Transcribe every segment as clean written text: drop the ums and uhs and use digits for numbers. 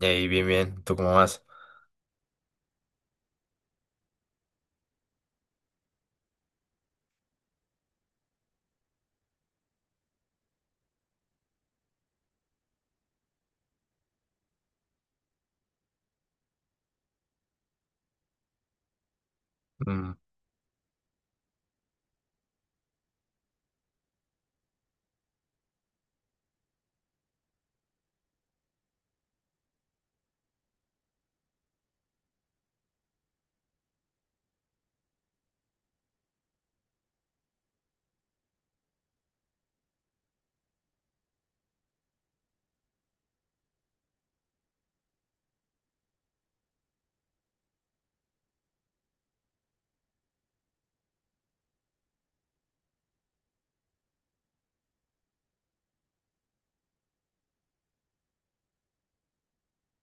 Y ahí, bien, bien. ¿Tú cómo vas? Mm,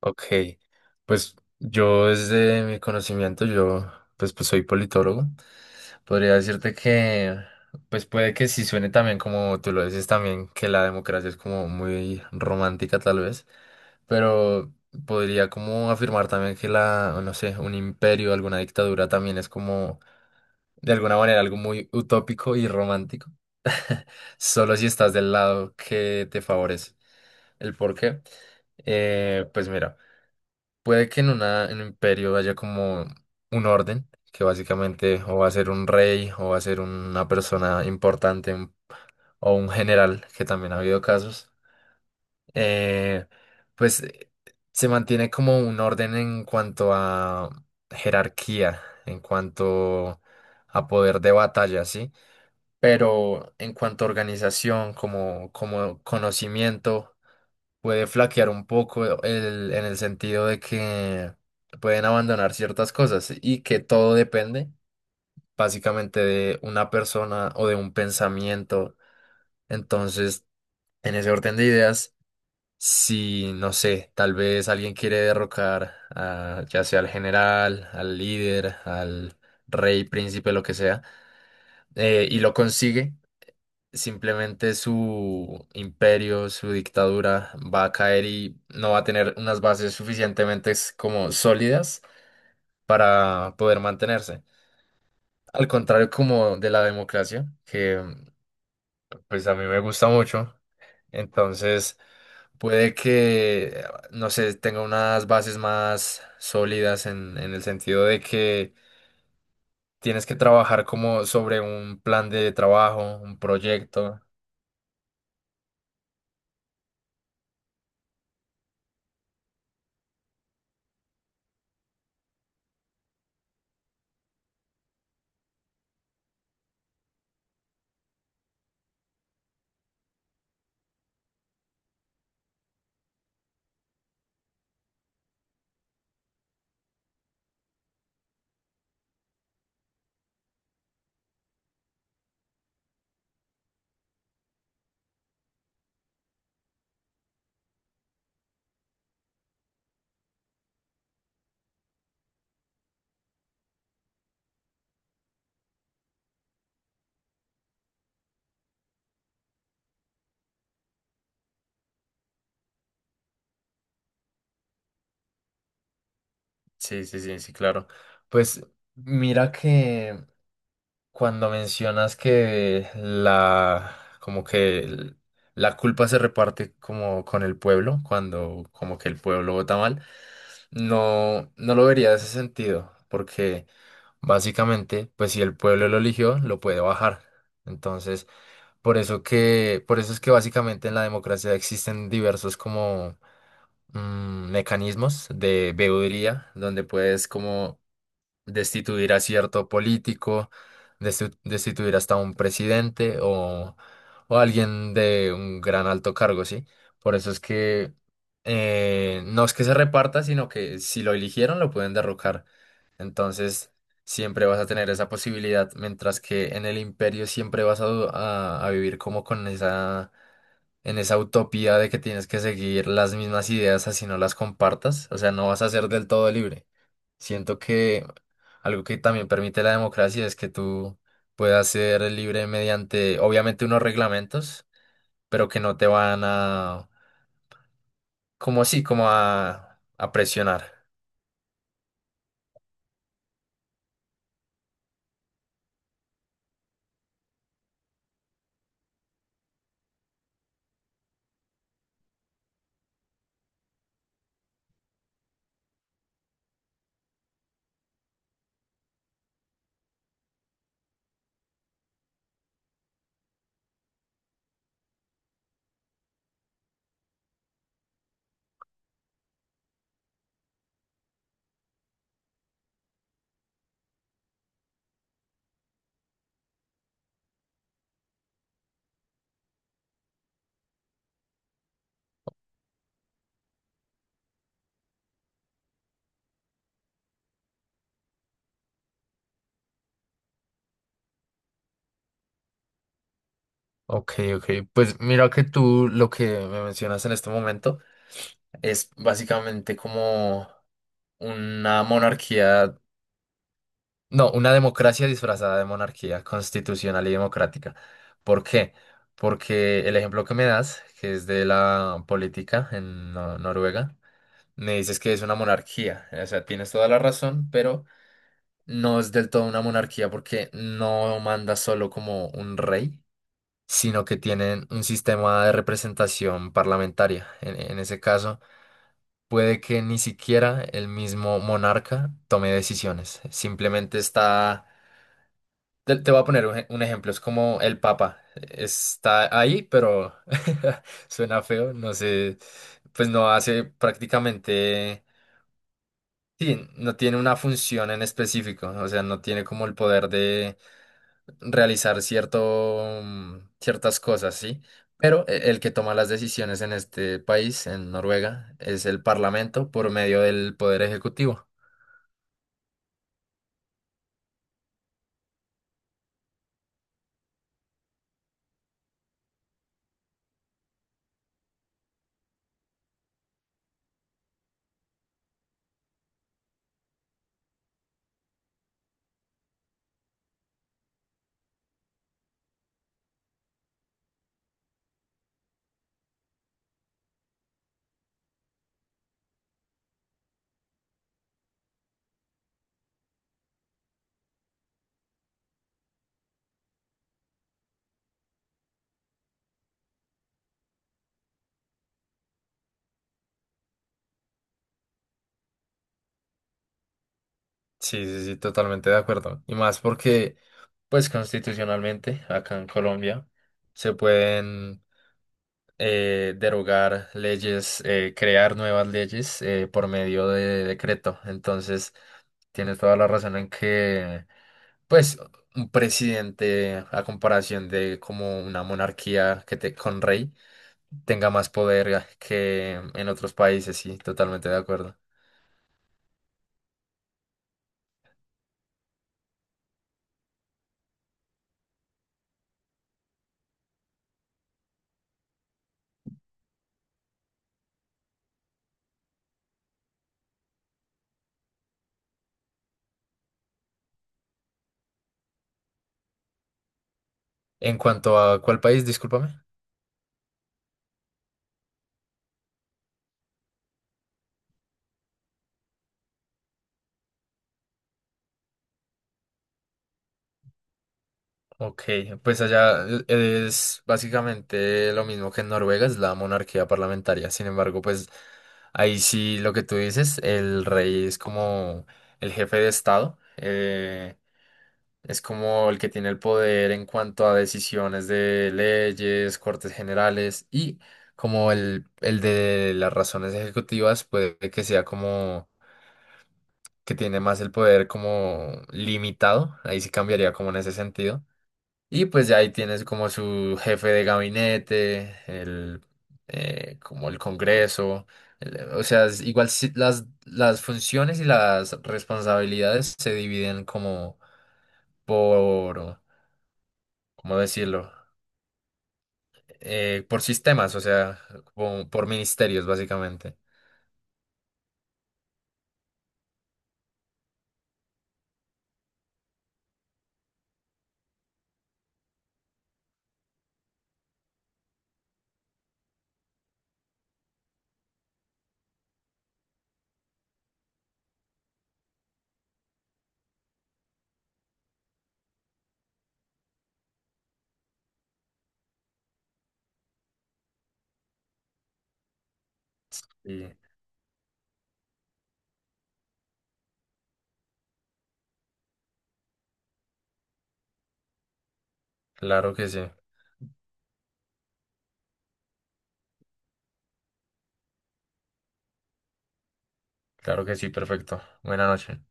ok. Pues yo desde mi conocimiento, yo pues, pues soy politólogo. Podría decirte que, pues puede que sí suene también como tú lo dices también, que la democracia es como muy romántica tal vez. Pero podría como afirmar también que la, no sé, un imperio, alguna dictadura también es como de alguna manera algo muy utópico y romántico, solo si estás del lado que te favorece. ¿El por qué? Pues mira, puede que en, una, en un imperio haya como un orden, que básicamente o va a ser un rey o va a ser una persona importante o un general, que también ha habido casos, eh, pues se mantiene como un orden en cuanto a jerarquía, en cuanto a poder de batalla, ¿sí? Pero en cuanto a organización, como, como conocimiento, puede flaquear un poco en el sentido de que pueden abandonar ciertas cosas y que todo depende básicamente de una persona o de un pensamiento. Entonces, en ese orden de ideas, si, no sé, tal vez alguien quiere derrocar a, ya sea al general, al líder, al rey, príncipe, lo que sea, y lo consigue. Simplemente su imperio, su dictadura va a caer y no va a tener unas bases suficientemente como sólidas para poder mantenerse. Al contrario como de la democracia, que pues a mí me gusta mucho, entonces puede que, no sé, tenga unas bases más sólidas en el sentido de que tienes que trabajar como sobre un plan de trabajo, un proyecto. Sí, sí, sí, sí, claro. Pues mira que cuando mencionas que la, como que la culpa se reparte como con el pueblo, cuando como que el pueblo vota mal, no, no lo vería de ese sentido, porque básicamente, pues si el pueblo lo eligió, lo puede bajar. Entonces, por eso que, por eso es que básicamente en la democracia existen diversos como mecanismos de veeduría, donde puedes como destituir a cierto político, destituir hasta un presidente o alguien de un gran alto cargo, ¿sí? Por eso es que no es que se reparta, sino que si lo eligieron lo pueden derrocar. Entonces, siempre vas a tener esa posibilidad, mientras que en el imperio siempre vas a, a vivir como con esa... en esa utopía de que tienes que seguir las mismas ideas así no las compartas, o sea, no vas a ser del todo libre. Siento que algo que también permite la democracia es que tú puedas ser libre mediante, obviamente, unos reglamentos, pero que no te van a, como así, como a presionar. Ok, ok. Pues mira que tú lo que me mencionas en este momento es básicamente como una monarquía. No, una democracia disfrazada de monarquía constitucional y democrática. ¿Por qué? Porque el ejemplo que me das, que es de la política en Noruega, me dices que es una monarquía. O sea, tienes toda la razón, pero no es del todo una monarquía porque no manda solo como un rey, sino que tienen un sistema de representación parlamentaria. En ese caso, puede que ni siquiera el mismo monarca tome decisiones. Simplemente está, te voy a poner un, un ejemplo, es como el Papa. Está ahí, pero suena feo, no sé, pues no hace prácticamente, sí, no tiene una función en específico, o sea, no tiene como el poder de realizar cierto, ciertas cosas, ¿sí? Pero el que toma las decisiones en este país, en Noruega, es el Parlamento por medio del Poder Ejecutivo. Sí, sí, sí, totalmente de acuerdo. Y más porque, pues constitucionalmente, acá en Colombia, se pueden derogar leyes, crear nuevas leyes por medio de decreto. Entonces, tienes toda la razón en que, pues, un presidente, a comparación de como una monarquía que te, con rey, tenga más poder que en otros países. Sí, totalmente de acuerdo. En cuanto a cuál país, discúlpame. Ok, pues allá es básicamente lo mismo que en Noruega, es la monarquía parlamentaria. Sin embargo, pues ahí sí lo que tú dices, el rey es como el jefe de Estado, es como el que tiene el poder en cuanto a decisiones de leyes, cortes generales y como el de las razones ejecutivas puede que sea como que tiene más el poder como limitado, ahí sí cambiaría como en ese sentido y pues ya ahí tienes como su jefe de gabinete, el, como el Congreso. O sea, es igual las funciones y las responsabilidades se dividen como por, ¿cómo decirlo? Por sistemas, o sea, como por ministerios básicamente. Y claro que sí, claro que sí, perfecto. Buenas noches.